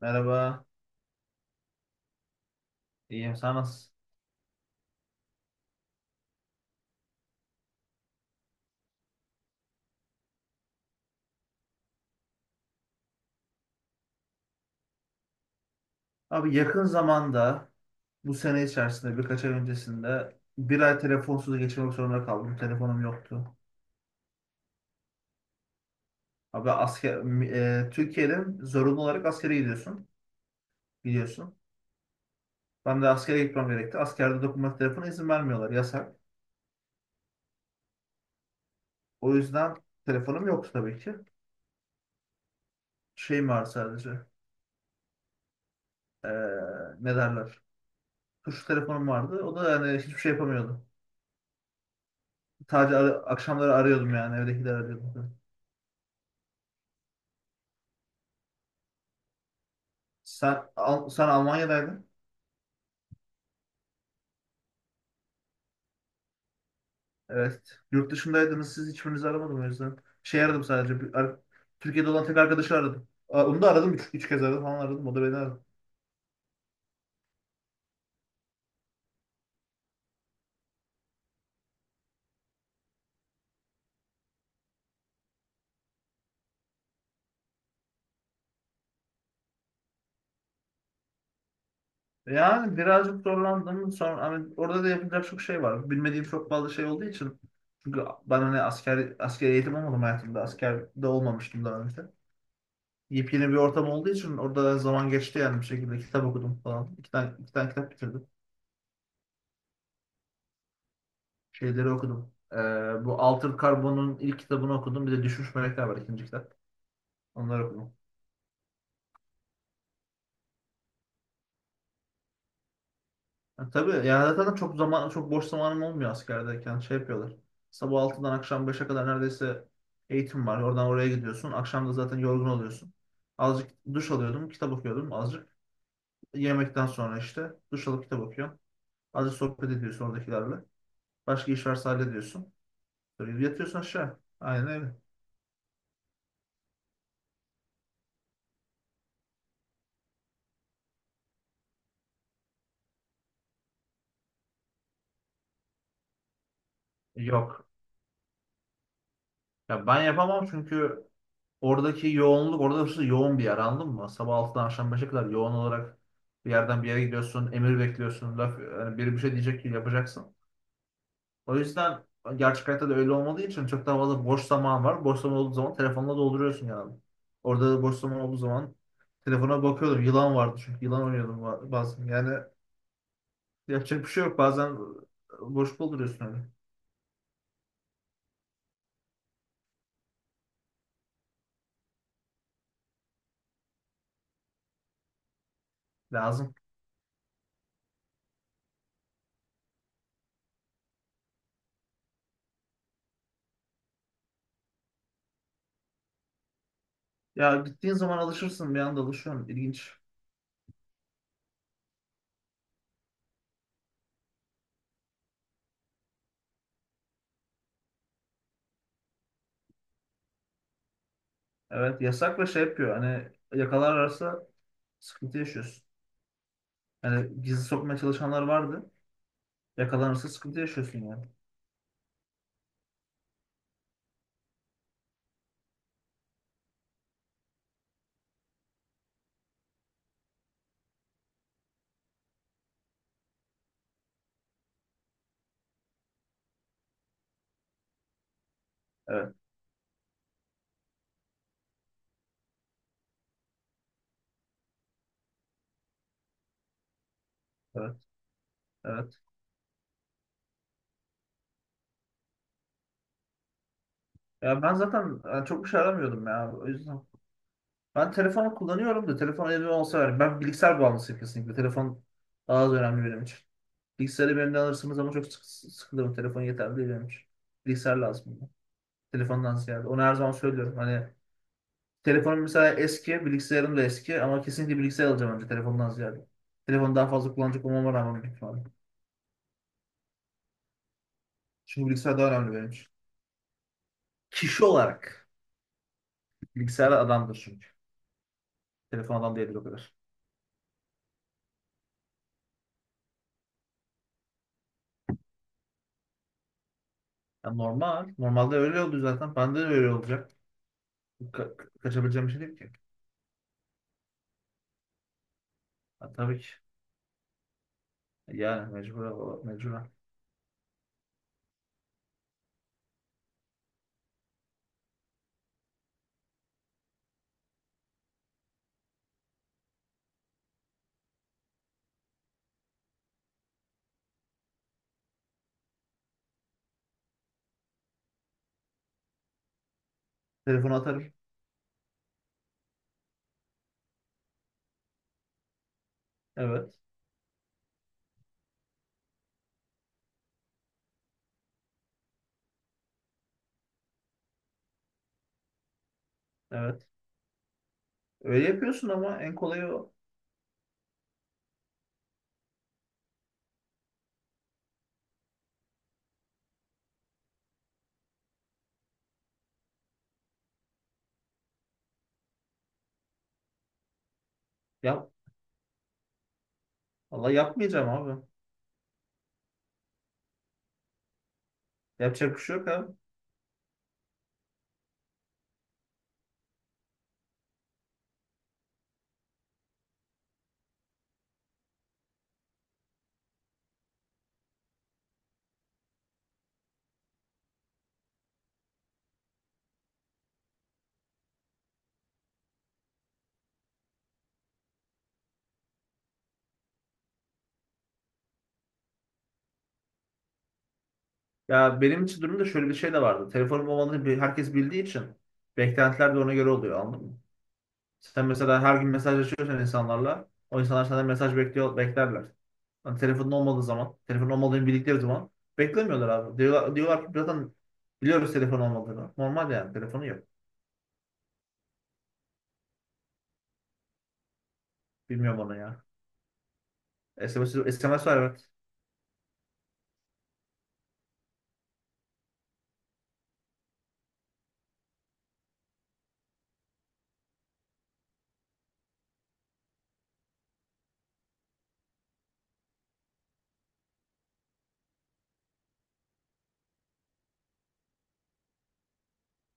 Merhaba, iyiyim. Sen nasılsın? Abi yakın zamanda, bu sene içerisinde, birkaç ay öncesinde bir ay telefonsuz geçirmek zorunda kaldım. Telefonum yoktu. Abi Türkiye'de zorunlu olarak askere gidiyorsun, biliyorsun. Ben de askere gitmem gerekti. Askerde dokunmatik telefona izin vermiyorlar, yasak. O yüzden telefonum yoktu tabii ki. Şeyim vardı sadece. E, ne derler? Tuşlu telefonum vardı. O da yani hiçbir şey yapamıyordum. Sadece akşamları arıyordum yani, evdekileri arıyordum. Sen Almanya'daydın. Evet. Yurt dışındaydınız. Siz hiçbirinizi aramadım o yüzden. Şey aradım sadece. Türkiye'de olan tek arkadaşı aradım. Onu da aradım. Üç kez aradım falan aradım. O da beni aradı. Yani birazcık zorlandım. Sonra hani orada da yapacak çok şey var. Bilmediğim çok fazla şey olduğu için. Çünkü ben hani asker eğitim olmadım hayatımda. Askerde olmamıştım daha önce. Yepyeni bir ortam olduğu için orada zaman geçti yani bir şekilde. Kitap okudum falan. İki tane kitap bitirdim. Şeyleri okudum. Bu Altered Carbon'un ilk kitabını okudum. Bir de Düşmüş Melekler var ikinci kitap. Onları okudum. Ha, tabii yani zaten çok boş zamanım olmuyor askerdeyken. Şey yapıyorlar. Sabah 6'dan akşam 5'e kadar neredeyse eğitim var. Oradan oraya gidiyorsun. Akşam da zaten yorgun oluyorsun. Azıcık duş alıyordum. Kitap okuyordum azıcık. Yemekten sonra işte duş alıp kitap okuyorsun. Azıcık sohbet ediyorsun oradakilerle. Başka iş varsa hallediyorsun. Böyle yatıyorsun aşağı. Aynen öyle. Yok. Ya ben yapamam çünkü oradaki yoğunluk, orada hırsı yoğun bir yer anladın mı? Sabah 6'dan akşam 5'e kadar yoğun olarak bir yerden bir yere gidiyorsun, emir bekliyorsun, laf, yani biri bir şey diyecek ki yapacaksın. O yüzden gerçek hayatta da öyle olmadığı için çok daha fazla boş zaman var. Boş zaman olduğu zaman telefonla dolduruyorsun yani. Orada da boş zaman olduğu zaman telefona bakıyordum. Yılan vardı çünkü yılan oynuyordum bazen. Yani yapacak bir şey yok. Bazen boş dolduruyorsun öyle. Lazım. Ya gittiğin zaman alışırsın bir anda alışıyorsun. İlginç. Evet yasak ve şey yapıyor. Hani yakalarlarsa sıkıntı yaşıyorsun. Yani gizli sokmaya çalışanlar vardı. Yakalanırsa sıkıntı yaşıyorsun yani. Evet, evet, evet. Ya ben zaten yani çok bir şey aramıyordum ya. O yüzden ben telefonu kullanıyorum da telefon elime olsa ver. Ben bilgisayar bağımlısıyım kesinlikle. Telefon daha az önemli benim için. Bilgisayarı benimden alırsınız ama çok sık, sıkılırım. Telefon yeterli değil benim için. Bilgisayar lazım bana. Telefondan ziyade. Onu her zaman söylüyorum. Hani telefonum mesela eski, bilgisayarım da eski ama kesinlikle bilgisayar alacağım önce telefondan ziyade. Telefonu daha fazla kullanacak olmama rağmen büyük ihtimalle. Çünkü bilgisayar daha önemli benim için. Kişi olarak bilgisayar adamdır çünkü. Telefon adam değildir o kadar. Ya normal. Normalde öyle oldu zaten. Bende de öyle olacak. Kaçabileceğim bir şey değil ki. Ha, tabii ki. Yani mecbur, mecbur. Telefonu atarım. Evet. Evet. Öyle yapıyorsun ama en kolayı o. Yap. Valla yapmayacağım abi. Yapacak bir şey yok abi. Ya benim için durumda şöyle bir şey de vardı. Telefonum olmadığını herkes bildiği için beklentiler de ona göre oluyor anladın mı? Sen mesela her gün mesajlaşıyorsan insanlarla o insanlar senden mesaj bekliyor, beklerler. Hani telefonun olmadığı zaman, telefonun olmadığını bildikleri zaman beklemiyorlar abi. Diyorlar ki zaten biliyoruz telefon olmadığını. Normal yani telefonu yok. Bilmiyorum onu ya. SMS var evet.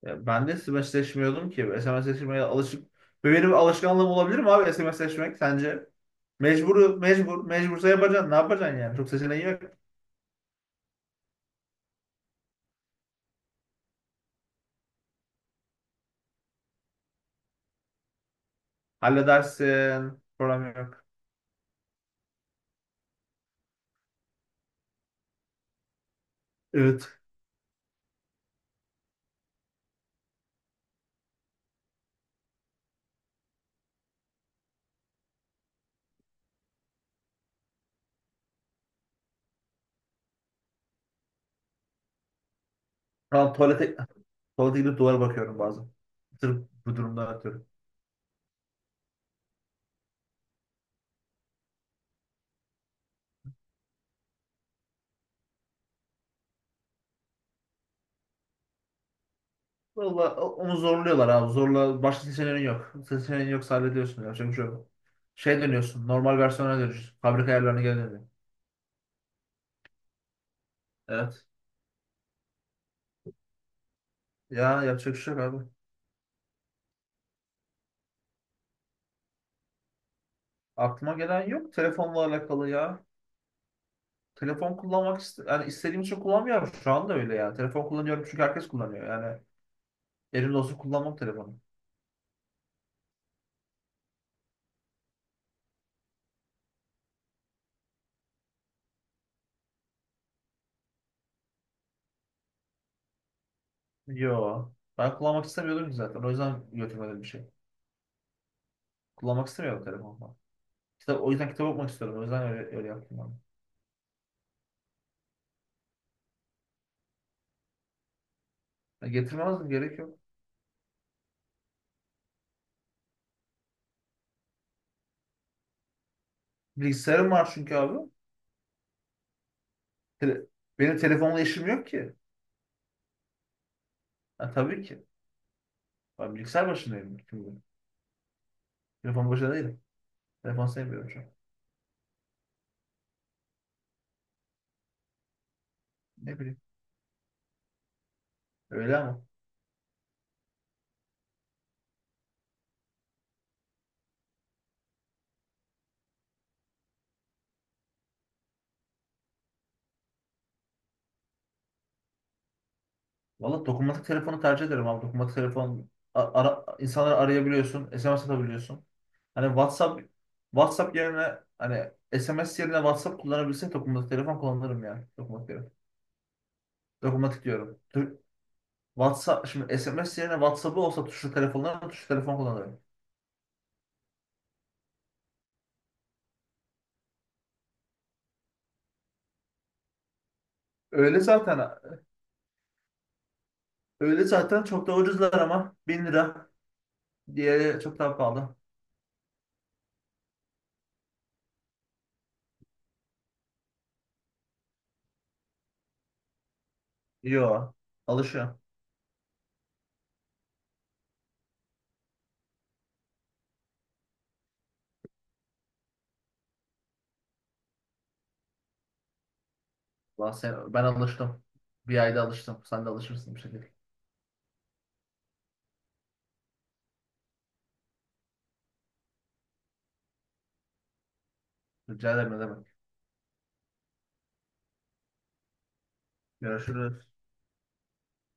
Ya ben de SMSleşmiyordum ki. SMSleşmeye alışık. Ve benim alışkanlığım olabilir mi abi SMSleşmek sence? Mecbur. Mecbursa yapacaksın. Ne yapacaksın yani? Çok seçeneği yok. Halledersin. Problem yok. Evet. Lan tuvalete, Tuvalete gidip duvara bakıyorum bazen. Sırf bu durumdan atıyorum. Valla onu zorluyorlar abi. Zorla başka seçeneğin yok. Seçeneğin yoksa hallediyorsun. Yapacak bir şey yok. Şey dönüyorsun. Normal versiyona dönüyorsun. Fabrika ayarlarına geri dönüyorsun. Evet. Ya yapacak bir şey yok abi. Aklıma gelen yok telefonla alakalı ya. Telefon kullanmak yani istediğim için kullanmıyorum. Şu anda öyle yani. Telefon kullanıyorum çünkü herkes kullanıyor. Yani elimde olsun kullanmam telefonu. Yo. Ben kullanmak istemiyordum ki zaten. O yüzden götürmedim bir şey. Kullanmak istemiyordum telefonu. O yüzden kitap okumak istiyorum. O yüzden öyle, öyle yaptım abi. Ya getirmezdim gerek yok. Bilgisayarım var çünkü abi. Tele- benim telefonla işim yok ki. Ha, tabii ki. Ben bilgisayar başındayım bütün gün. Telefon başında değilim. Telefon sevmiyorum şu an. Ne bileyim. Öyle ama. Valla dokunmatik telefonu tercih ederim abi. Dokunmatik telefon insanları arayabiliyorsun. SMS atabiliyorsun. Hani WhatsApp yerine hani SMS yerine WhatsApp kullanabilsek dokunmatik telefon kullanırım yani. Dokunmatik telefon. Dokunmatik diyorum. WhatsApp şimdi SMS yerine WhatsApp'ı olsa tuşlu telefon kullanırım. Öyle zaten öyle zaten çok da ucuzlar ama 1.000 lira diğeri çok daha pahalı. Yo alışıyor. Ben alıştım. Bir ayda alıştım. Sen de alışırsın bir şekilde. Rica ederim ne demek. Görüşürüz.